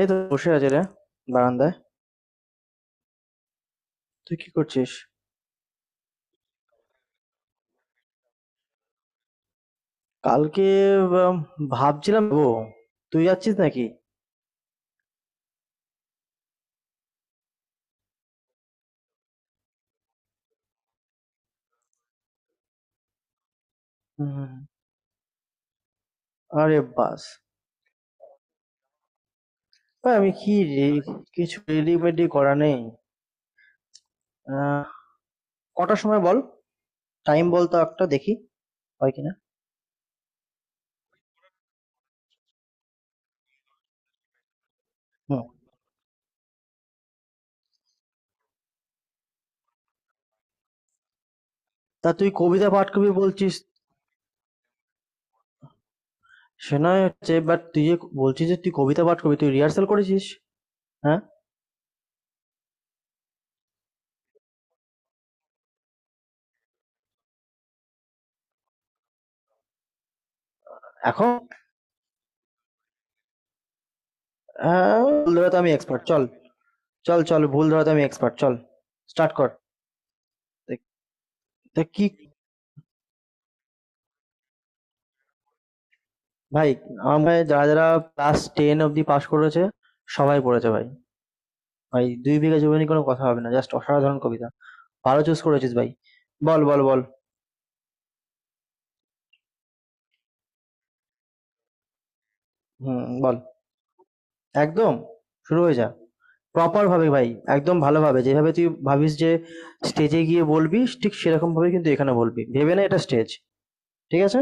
এই তো বসে আছি রে বারান্দায়। তুই কি করছিস কালকে? উম, ভাবছিলাম। ও তুই যাচ্ছিস নাকি? হুম। আরে বাস, ভাই আমি কি রে? কিছু রেডিমেডি করা নেই। আহ, কটার সময় বল, টাইম বল তো একটা, দেখি হয় কিনা। হুম। তা তুই কবিতা পাঠ করবি বলছিস? সে নয় হচ্ছে, বাট তুই যে বলছিস যে তুই কবিতা পাঠ করবি, তুই রিহার্সাল করেছিস? হ্যাঁ। এখন? হ্যাঁ, ভুল ধরাতে আমি এক্সপার্ট। চল, চল চল, ভুল ধরাতে আমি এক্সপার্ট। চল স্টার্ট কর। দেখ- দেখ কি, ভাই, আমার মনে হয় যারা, যারা ক্লাস 10 অব্দি পাস করেছে, সবাই পড়েছে ভাই। ভাই, 'দুই বিঘা জমি' নিয়ে কোনো কথা হবে না। জাস্ট অসাধারণ কবিতা। ভালো চুজ করেছিস ভাই। বল, বল, বল। হুম, বল। একদম, শুরু হয়ে যা। প্রপার ভাবে ভাই, একদম ভালোভাবে। যেভাবে তুই ভাবিস যে স্টেজে গিয়ে বলবি, ঠিক সেরকম ভাবে কিন্তু এখানে বলবি। ভেবে না এটা স্টেজ। ঠিক আছে?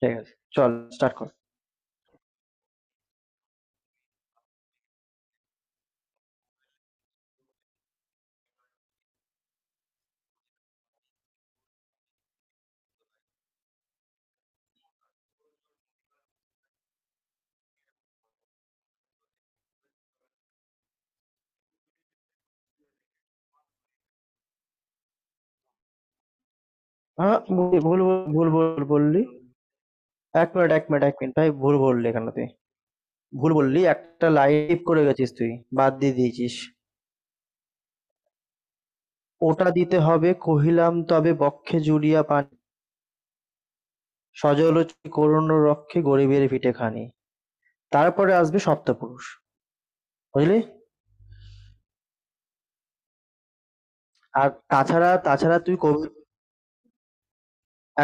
ঠিক আছে। চল স্টার্ট কর। আ ভুল, ভুল, ভুল, ভুল বললি। ১ মিনিট, ১ মিনিট, ১ মিনিট। ভাই, ভুল বললি এখানে তুই। ভুল বললি, একটা লাইভ করে গেছিস তুই, বাদ দিয়ে দিয়েছিস। ওটা দিতে হবে, কহিলাম তবে বক্ষে জুড়িয়া পান, সজল করুণ রক্ষে গরিবের পিঠে খানি। তারপরে আসবে সপ্তপুরুষ, বুঝলি? আর তাছাড়া তাছাড়া তুই কবি।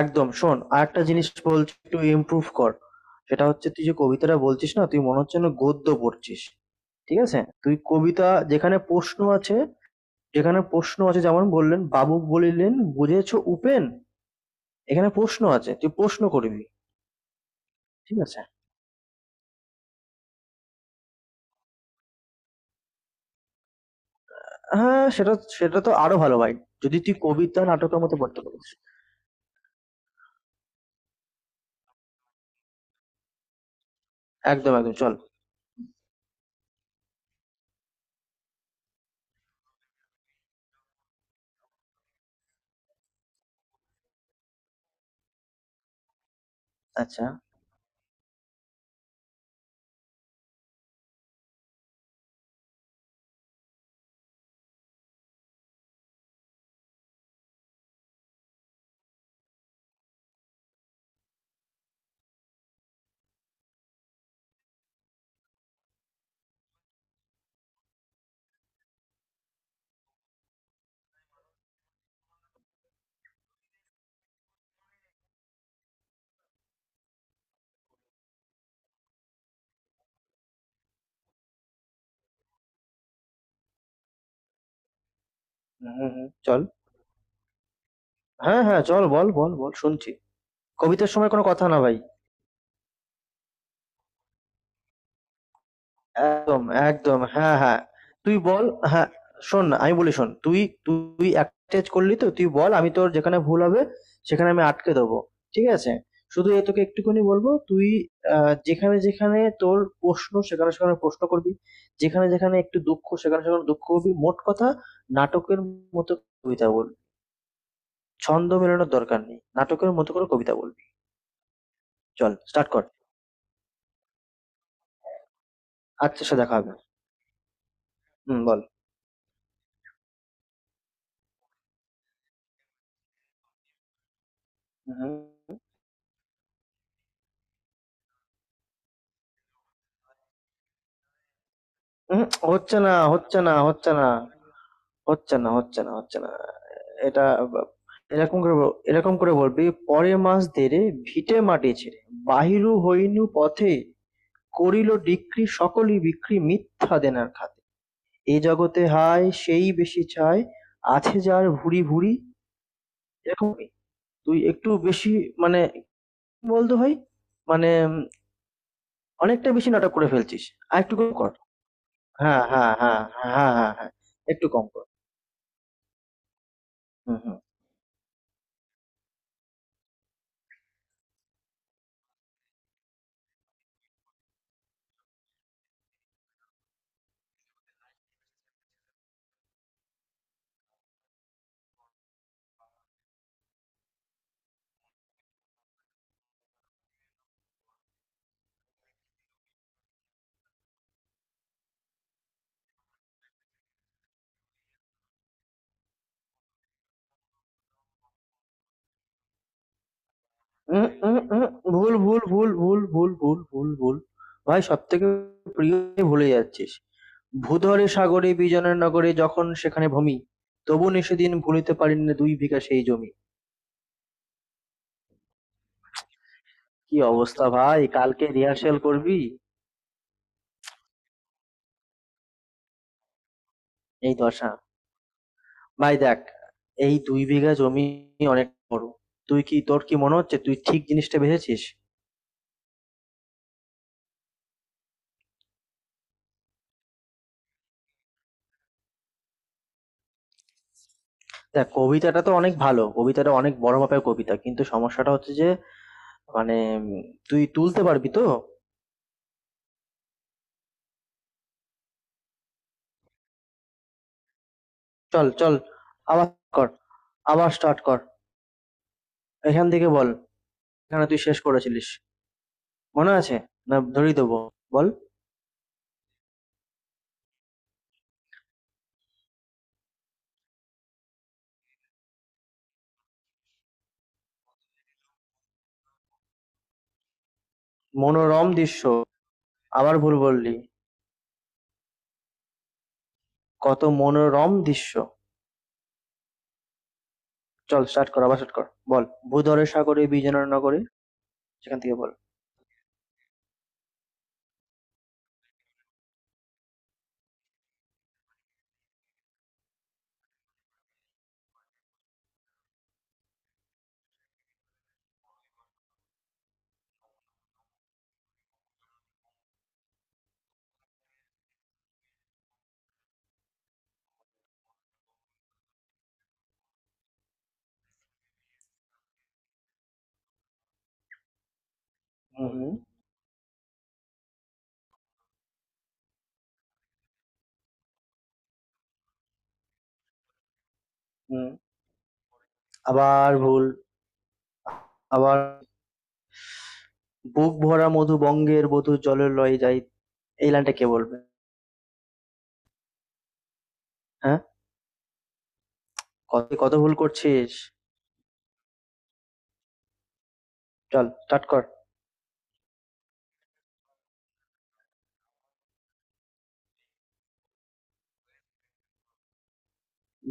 একদম শোন, আর একটা জিনিস বলছি, একটু ইমপ্রুভ কর। সেটা হচ্ছে, তুই যে কবিতাটা বলছিস না, তুই মনে হচ্ছে না গদ্য পড়ছিস? ঠিক আছে, তুই কবিতা যেখানে প্রশ্ন আছে, যেখানে প্রশ্ন আছে, যেমন বললেন বাবু বলিলেন বুঝেছো উপেন, এখানে প্রশ্ন আছে, তুই প্রশ্ন করবি। ঠিক আছে। হ্যাঁ সেটা, সেটা তো আরো ভালো ভাই, যদি তুই কবিতা নাটকের মতো পড়তে পারিস। একদম একদম চল। আচ্ছা। হুম হুম চল। হ্যাঁ হ্যাঁ চল, বল বল বল, শুনছি। কবিতার সময় কোনো কথা না ভাই। একদম, একদম। হ্যাঁ, হ্যাঁ। তুই বল। হ্যাঁ, শোন না, আমি বলি শোন। তুই, তুই attach করলি তো? তুই বল, আমি তোর যেখানে ভুল হবে সেখানে আমি আটকে দেবো। ঠিক আছে? শুধু এ তোকে একটুখানি বলবো, তুই, আ যেখানে, যেখানে তোর প্রশ্ন সেখানে, সেখানে প্রশ্ন করবি। যেখানে, যেখানে একটু দুঃখ সেখানে, সেখানে দুঃখ করবি। মোট কথা নাটকের মতো কবিতা বল। ছন্দ মেলানোর দরকার নেই। নাটকের মতো করে কবিতা বলবি। চল স্টার্ট কর। আচ্ছা, সে দেখা হবে। হুম, বল। উহু, উহু, হচ্ছে না, হচ্ছে না, হচ্ছে না। হচ্ছে না, হচ্ছে না, হচ্ছে না। এটা বা- এরকম করে বলবি, পরে মাস দেরে, ভিটে মাটি ছেড়ে, বাহিরু হইনু পথে, করিল ডিক্রি সকলই বিক্রি, মিথ্যা দেনার খাতে। এ জগতে হায় সেই বেশি চায়, আছে যার ভুরি ভুরি। এরকমই। তুই একটু বেশি, মানে কি বলতো ভাই, মানে অনেকটা বেশি নাটক করে ফেলছিস। আর একটু কম কর। হ্যাঁ হ্যাঁ হ্যাঁ, হ্যাঁ হ্যাঁ হ্যাঁ, একটু কম কর। হুম হুম। উম, উম, উম, ভুল ভুল ভুল ভুল ভুল ভুল ভুল ভুল। ভাই সব থেকে প্রিয় ভুলে যাচ্ছিস, ভূধরে সাগরে বিজনের নগরে যখন সেখানে ভূমি, তবু নে সেদিন ভুলিতে পারিনি না দুই বিঘা সেই জমি। কি অবস্থা ভাই, কালকে রিহার্সাল করবি? এই দশা। ভাই দেখ, এই দুই বিঘা জমি অনেক বড়। তুই কি, তোর কি মনে হচ্ছে তুই ঠিক জিনিসটা বেঁচেছিস? দেখ, কবিতাটা তো অনেক ভালো, কবিতাটা অনেক বড় মাপের কবিতা, কিন্তু সমস্যাটা হচ্ছে যে, মানে, উম, তুই তুলতে পারবি তো? চল চল, আবার কর, আবার স্টার্ট কর। এখান থেকে বল, এখানে তুই শেষ করেছিলিস, মনে আছে? না, ধরিয়ে দেবো। বল। মনোরম দৃশ্য। আবার ভুল বললি। কত মনোরম দৃশ্য। চল স্টার্ট কর, আবার স্টার্ট কর, বল। ভূধরে সাগরে বিজনের নগরে, সেখান থেকে বল। হুম হুম, হুম। আবার ভুল, আবার। বুক ভরা মধু বঙ্গের বধু জলের লয়ে যাই, এই লাইনটা কে বলবে? হ্যাঁ। কত কত ভুল করছিস। চল স্টার্ট কর।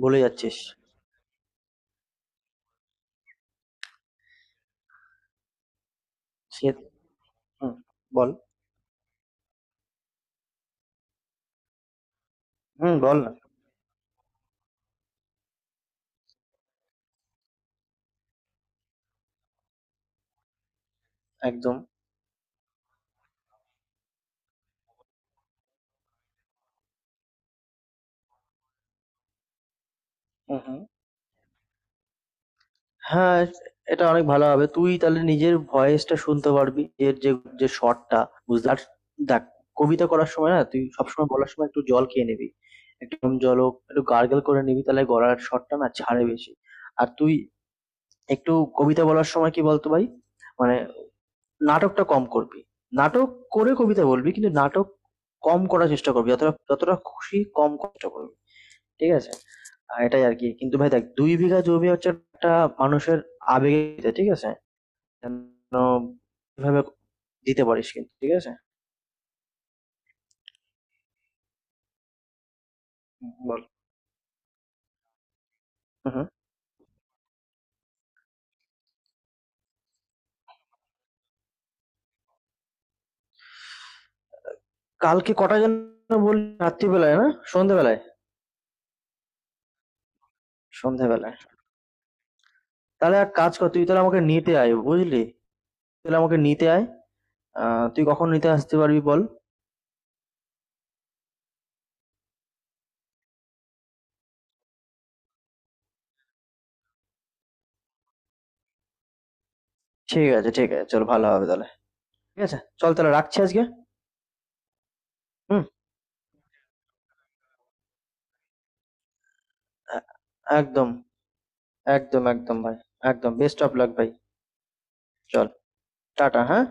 ভুলে যাচ্ছিস। সে, হুম, বল। হুম, বল না। একদম। হুম, হুম। হ্যাঁ, এটা অনেক ভালো হবে। তুই তাহলে নিজের ভয়েসটা শুনতে পারবি। এর যে, যে স্বরটা, বুঝলি? আর দেখ, কবিতা করার সময় না তুই সবসময় বলার সময় একটু জল খেয়ে নিবি। একটু গরম জল হোক, একটু গার্গল করে নিবি, তাহলে গলার স্বরটা না ছাড়ে বেশি। আর তুই একটু কবিতা বলার সময় কি বলতো ভাই? মানে নাটকটা কম করবি। নাটক করে কবিতা বলবি কিন্তু নাটক কম করার চেষ্টা করবি। যতটা যতটা খুশি কম কষ্ট করবি। ঠিক আছে? এটাই আরকি। কিন্তু ভাই দেখ, ২ বিঘা জমি হচ্ছে একটা মানুষের আবেগে দিতে, ঠিক আছে? যেন এভাবে দিতে পারিস কিন্তু, ঠিক আছে? হুম, বল। হু, হু। কালকে কটায় যেন বললি, রাত্রিবেলায় না? সন্ধ্যাবেলায়? সন্ধ্যাবেলায়। তাহলে এক কাজ কর, তুই তাহলে আমাকে নিতে আয় বুঝলি? তাহলে আমাকে নিতে আয়। আ তুই কখন নিতে আসতে পারবি বল? ঠিক আছে, ঠিক আছে। চল ভালো হবে তাহলে। ঠিক আছে? চল তাহলে রাখছি আজকে। হুম? এ একদম, একদম, একদম ভাই। একদম বেস্ট অফ লাক ভাই। চল। টাটা, হ্যাঁ?